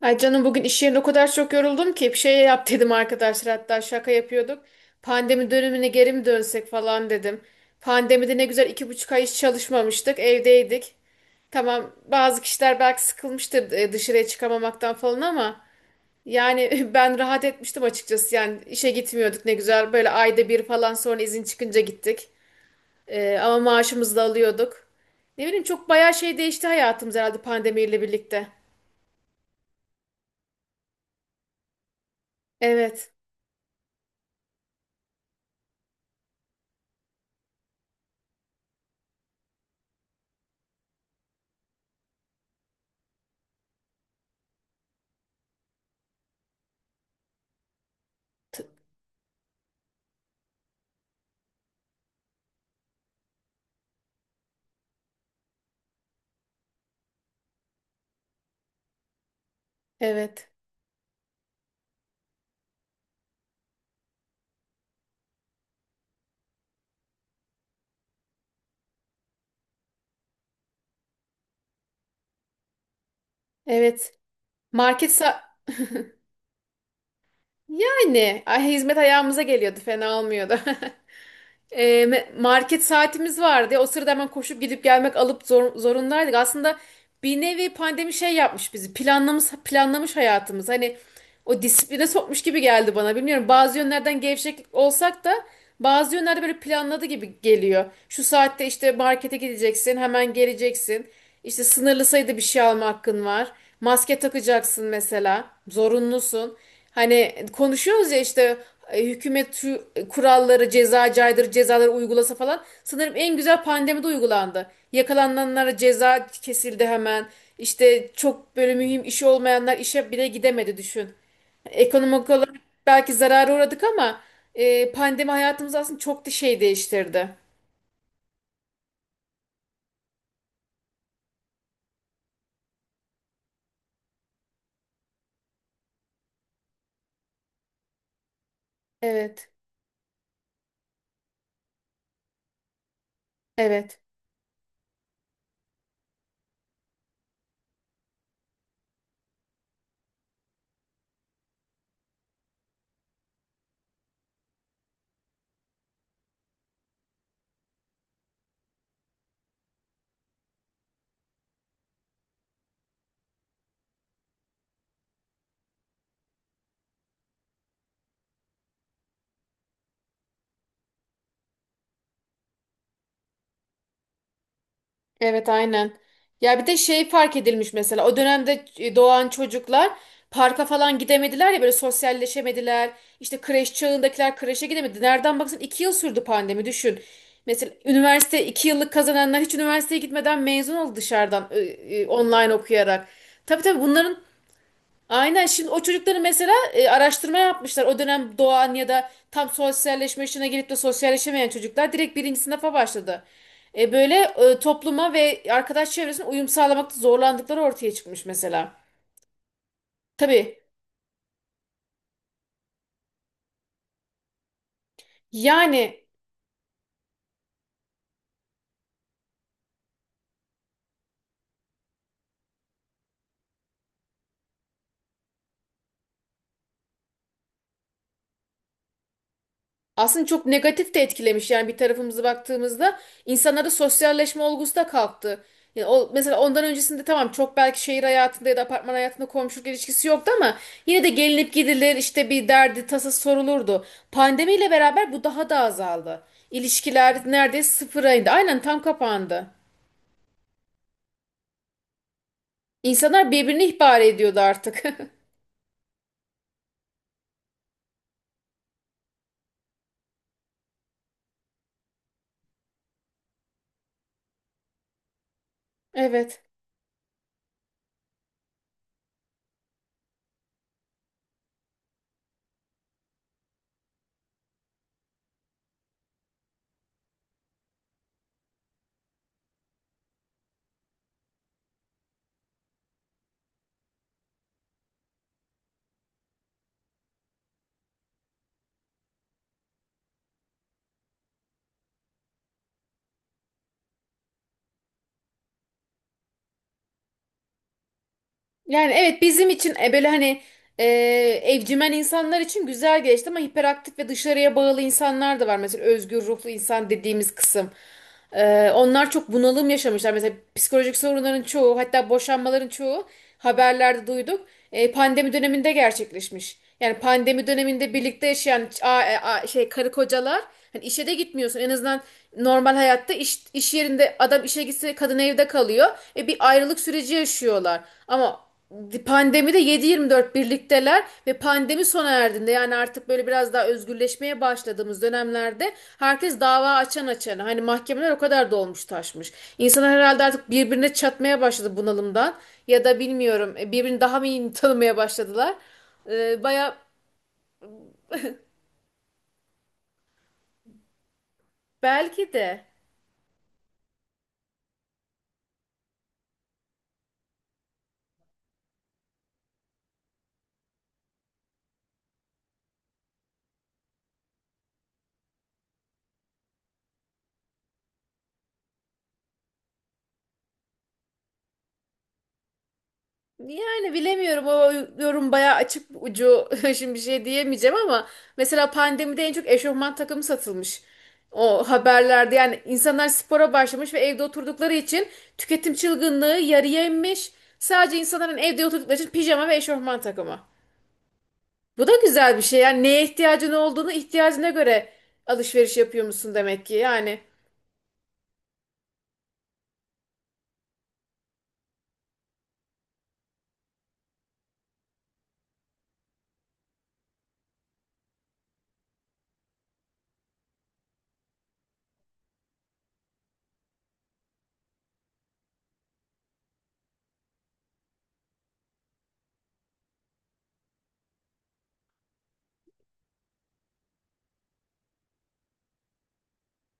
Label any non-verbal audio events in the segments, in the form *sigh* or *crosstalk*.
Ay canım bugün iş yerinde o kadar çok yoruldum ki bir şey yap dedim arkadaşlar hatta şaka yapıyorduk. Pandemi dönemine geri mi dönsek falan dedim. Pandemide ne güzel 2,5 ay hiç çalışmamıştık evdeydik. Tamam bazı kişiler belki sıkılmıştır dışarıya çıkamamaktan falan ama yani *laughs* ben rahat etmiştim açıkçası. Yani işe gitmiyorduk ne güzel böyle ayda bir falan sonra izin çıkınca gittik. Ama maaşımızı da alıyorduk. Ne bileyim çok bayağı şey değişti hayatımız herhalde pandemiyle birlikte. Evet. t- Evet. Evet. Market sa- Yani ay, hizmet ayağımıza geliyordu. Fena olmuyordu. *laughs* Market saatimiz vardı. O sırada hemen koşup gidip gelmek alıp zorundaydık. Aslında bir nevi pandemi şey yapmış bizi. Planlamış planlamış hayatımız. Hani o disipline sokmuş gibi geldi bana. Bilmiyorum bazı yönlerden gevşek olsak da bazı yönlerde böyle planladı gibi geliyor. Şu saatte işte markete gideceksin, hemen geleceksin. İşte sınırlı sayıda bir şey alma hakkın var. Maske takacaksın mesela. Zorunlusun. Hani konuşuyoruz ya işte hükümet şu kuralları, ceza caydırıcı cezaları uygulasa falan. Sanırım en güzel pandemide uygulandı. Yakalananlara ceza kesildi hemen. İşte çok böyle mühim işi olmayanlar işe bile gidemedi düşün. Ekonomik olarak belki zarara uğradık ama pandemi hayatımızı aslında çok da şey değiştirdi. Evet, evet. Evet aynen. Ya bir de şey fark edilmiş mesela o dönemde doğan çocuklar parka falan gidemediler ya böyle sosyalleşemediler. İşte kreş çağındakiler kreşe gidemedi. Nereden baksan 2 yıl sürdü pandemi düşün. Mesela üniversite 2 yıllık kazananlar hiç üniversiteye gitmeden mezun oldu dışarıdan online okuyarak. Tabii tabii bunların. Aynen şimdi o çocukları mesela araştırma yapmışlar. O dönem doğan ya da tam sosyalleşme yaşına gelip de sosyalleşemeyen çocuklar direkt birinci sınıfa başladı. Böyle topluma ve arkadaş çevresine uyum sağlamakta zorlandıkları ortaya çıkmış mesela. Tabii, yani aslında çok negatif de etkilemiş yani bir tarafımıza baktığımızda insanlarda sosyalleşme olgusu da kalktı. Yani o, mesela ondan öncesinde tamam çok belki şehir hayatında ya da apartman hayatında komşuluk ilişkisi yoktu ama yine de gelinip gidilir işte bir derdi tasası sorulurdu. Pandemiyle beraber bu daha da azaldı. İlişkiler neredeyse sıfıra indi. Aynen tam kapandı. İnsanlar birbirini ihbar ediyordu artık. *laughs* Evet. Yani evet bizim için böyle hani e, evcimen insanlar için güzel geçti ama hiperaktif ve dışarıya bağlı insanlar da var. Mesela özgür ruhlu insan dediğimiz kısım. Onlar çok bunalım yaşamışlar. Mesela psikolojik sorunların çoğu hatta boşanmaların çoğu haberlerde duyduk. Pandemi döneminde gerçekleşmiş. Yani pandemi döneminde birlikte yaşayan karı kocalar hani işe de gitmiyorsun. En azından normal hayatta iş yerinde adam işe gitse kadın evde kalıyor. Bir ayrılık süreci yaşıyorlar. Ama pandemide 7-24 birlikteler ve pandemi sona erdiğinde yani artık böyle biraz daha özgürleşmeye başladığımız dönemlerde herkes dava açan açana hani mahkemeler o kadar dolmuş taşmış. İnsanlar herhalde artık birbirine çatmaya başladı bunalımdan ya da bilmiyorum birbirini daha mı iyi tanımaya başladılar. Baya belki de yani bilemiyorum o yorum baya açık ucu *laughs* şimdi bir şey diyemeyeceğim ama mesela pandemide en çok eşofman takımı satılmış. O haberlerde yani insanlar spora başlamış ve evde oturdukları için tüketim çılgınlığı yarıya inmiş. Sadece insanların evde oturdukları için pijama ve eşofman takımı. Bu da güzel bir şey. Yani neye ihtiyacın olduğunu ihtiyacına göre alışveriş yapıyor musun demek ki. Yani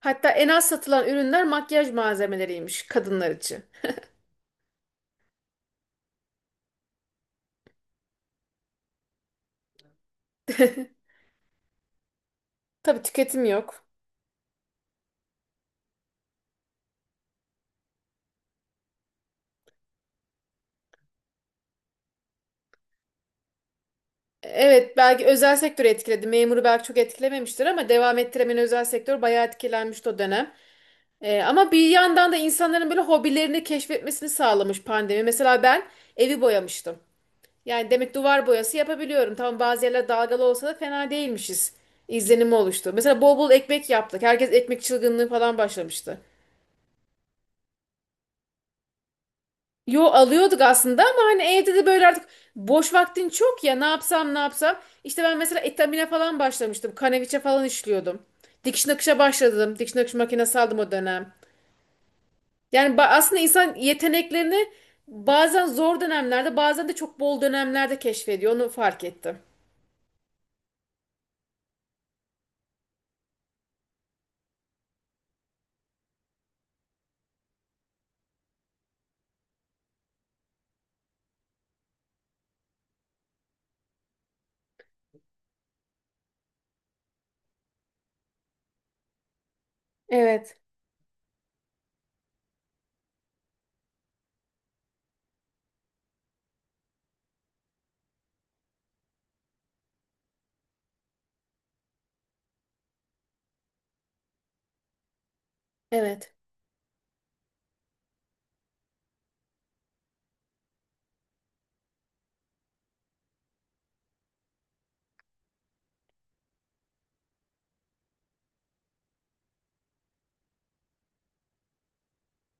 hatta en az satılan ürünler makyaj malzemeleriymiş kadınlar için. Tabii tüketim yok. Evet belki özel sektörü etkiledi. Memuru belki çok etkilememiştir ama devam ettiremeyen özel sektör bayağı etkilenmişti o dönem. Ama bir yandan da insanların böyle hobilerini keşfetmesini sağlamış pandemi. Mesela ben evi boyamıştım. Yani demek duvar boyası yapabiliyorum. Tamam bazı yerler dalgalı olsa da fena değilmişiz. İzlenimi oluştu. Mesela bol bol ekmek yaptık. Herkes ekmek çılgınlığı falan başlamıştı. Yo alıyorduk aslında ama hani evde de böyle artık boş vaktin çok ya ne yapsam ne yapsam. İşte ben mesela etamine falan başlamıştım. Kaneviçe falan işliyordum. Dikiş nakışa başladım. Dikiş nakış makinesi aldım o dönem. Yani aslında insan yeteneklerini bazen zor dönemlerde bazen de çok bol dönemlerde keşfediyor. Onu fark ettim. Evet. Evet.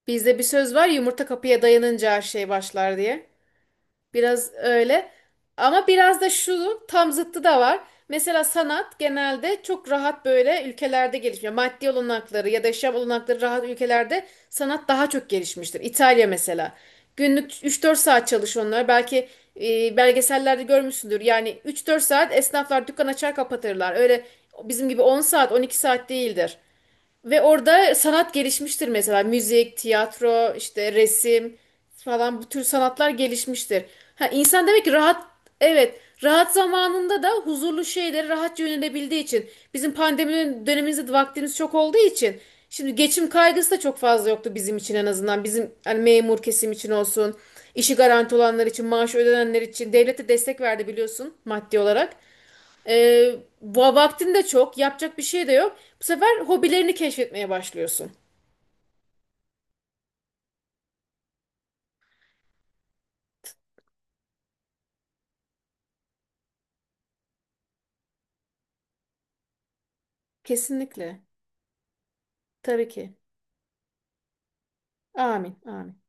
Bizde bir söz var yumurta kapıya dayanınca her şey başlar diye. Biraz öyle. Ama biraz da şu tam zıttı da var. Mesela sanat genelde çok rahat böyle ülkelerde gelişmiyor. Maddi olanakları ya da yaşam olanakları rahat ülkelerde sanat daha çok gelişmiştir. İtalya mesela. Günlük 3-4 saat çalış onlar. Belki belgesellerde görmüşsündür. Yani 3-4 saat esnaflar dükkan açar kapatırlar. Öyle bizim gibi 10 saat 12 saat değildir. Ve orada sanat gelişmiştir mesela müzik, tiyatro, işte resim falan bu tür sanatlar gelişmiştir. Ha, insan demek ki rahat, evet, rahat zamanında da huzurlu şeylere rahatça yönelebildiği için bizim pandemi dönemimizde de vaktimiz çok olduğu için şimdi geçim kaygısı da çok fazla yoktu bizim için en azından bizim hani memur kesim için olsun işi garanti olanlar için maaşı ödenenler için devlete destek verdi biliyorsun maddi olarak. Ee, Vaktin de çok, yapacak bir şey de yok. Bu sefer hobilerini keşfetmeye başlıyorsun. Kesinlikle. Tabii ki. Amin, amin.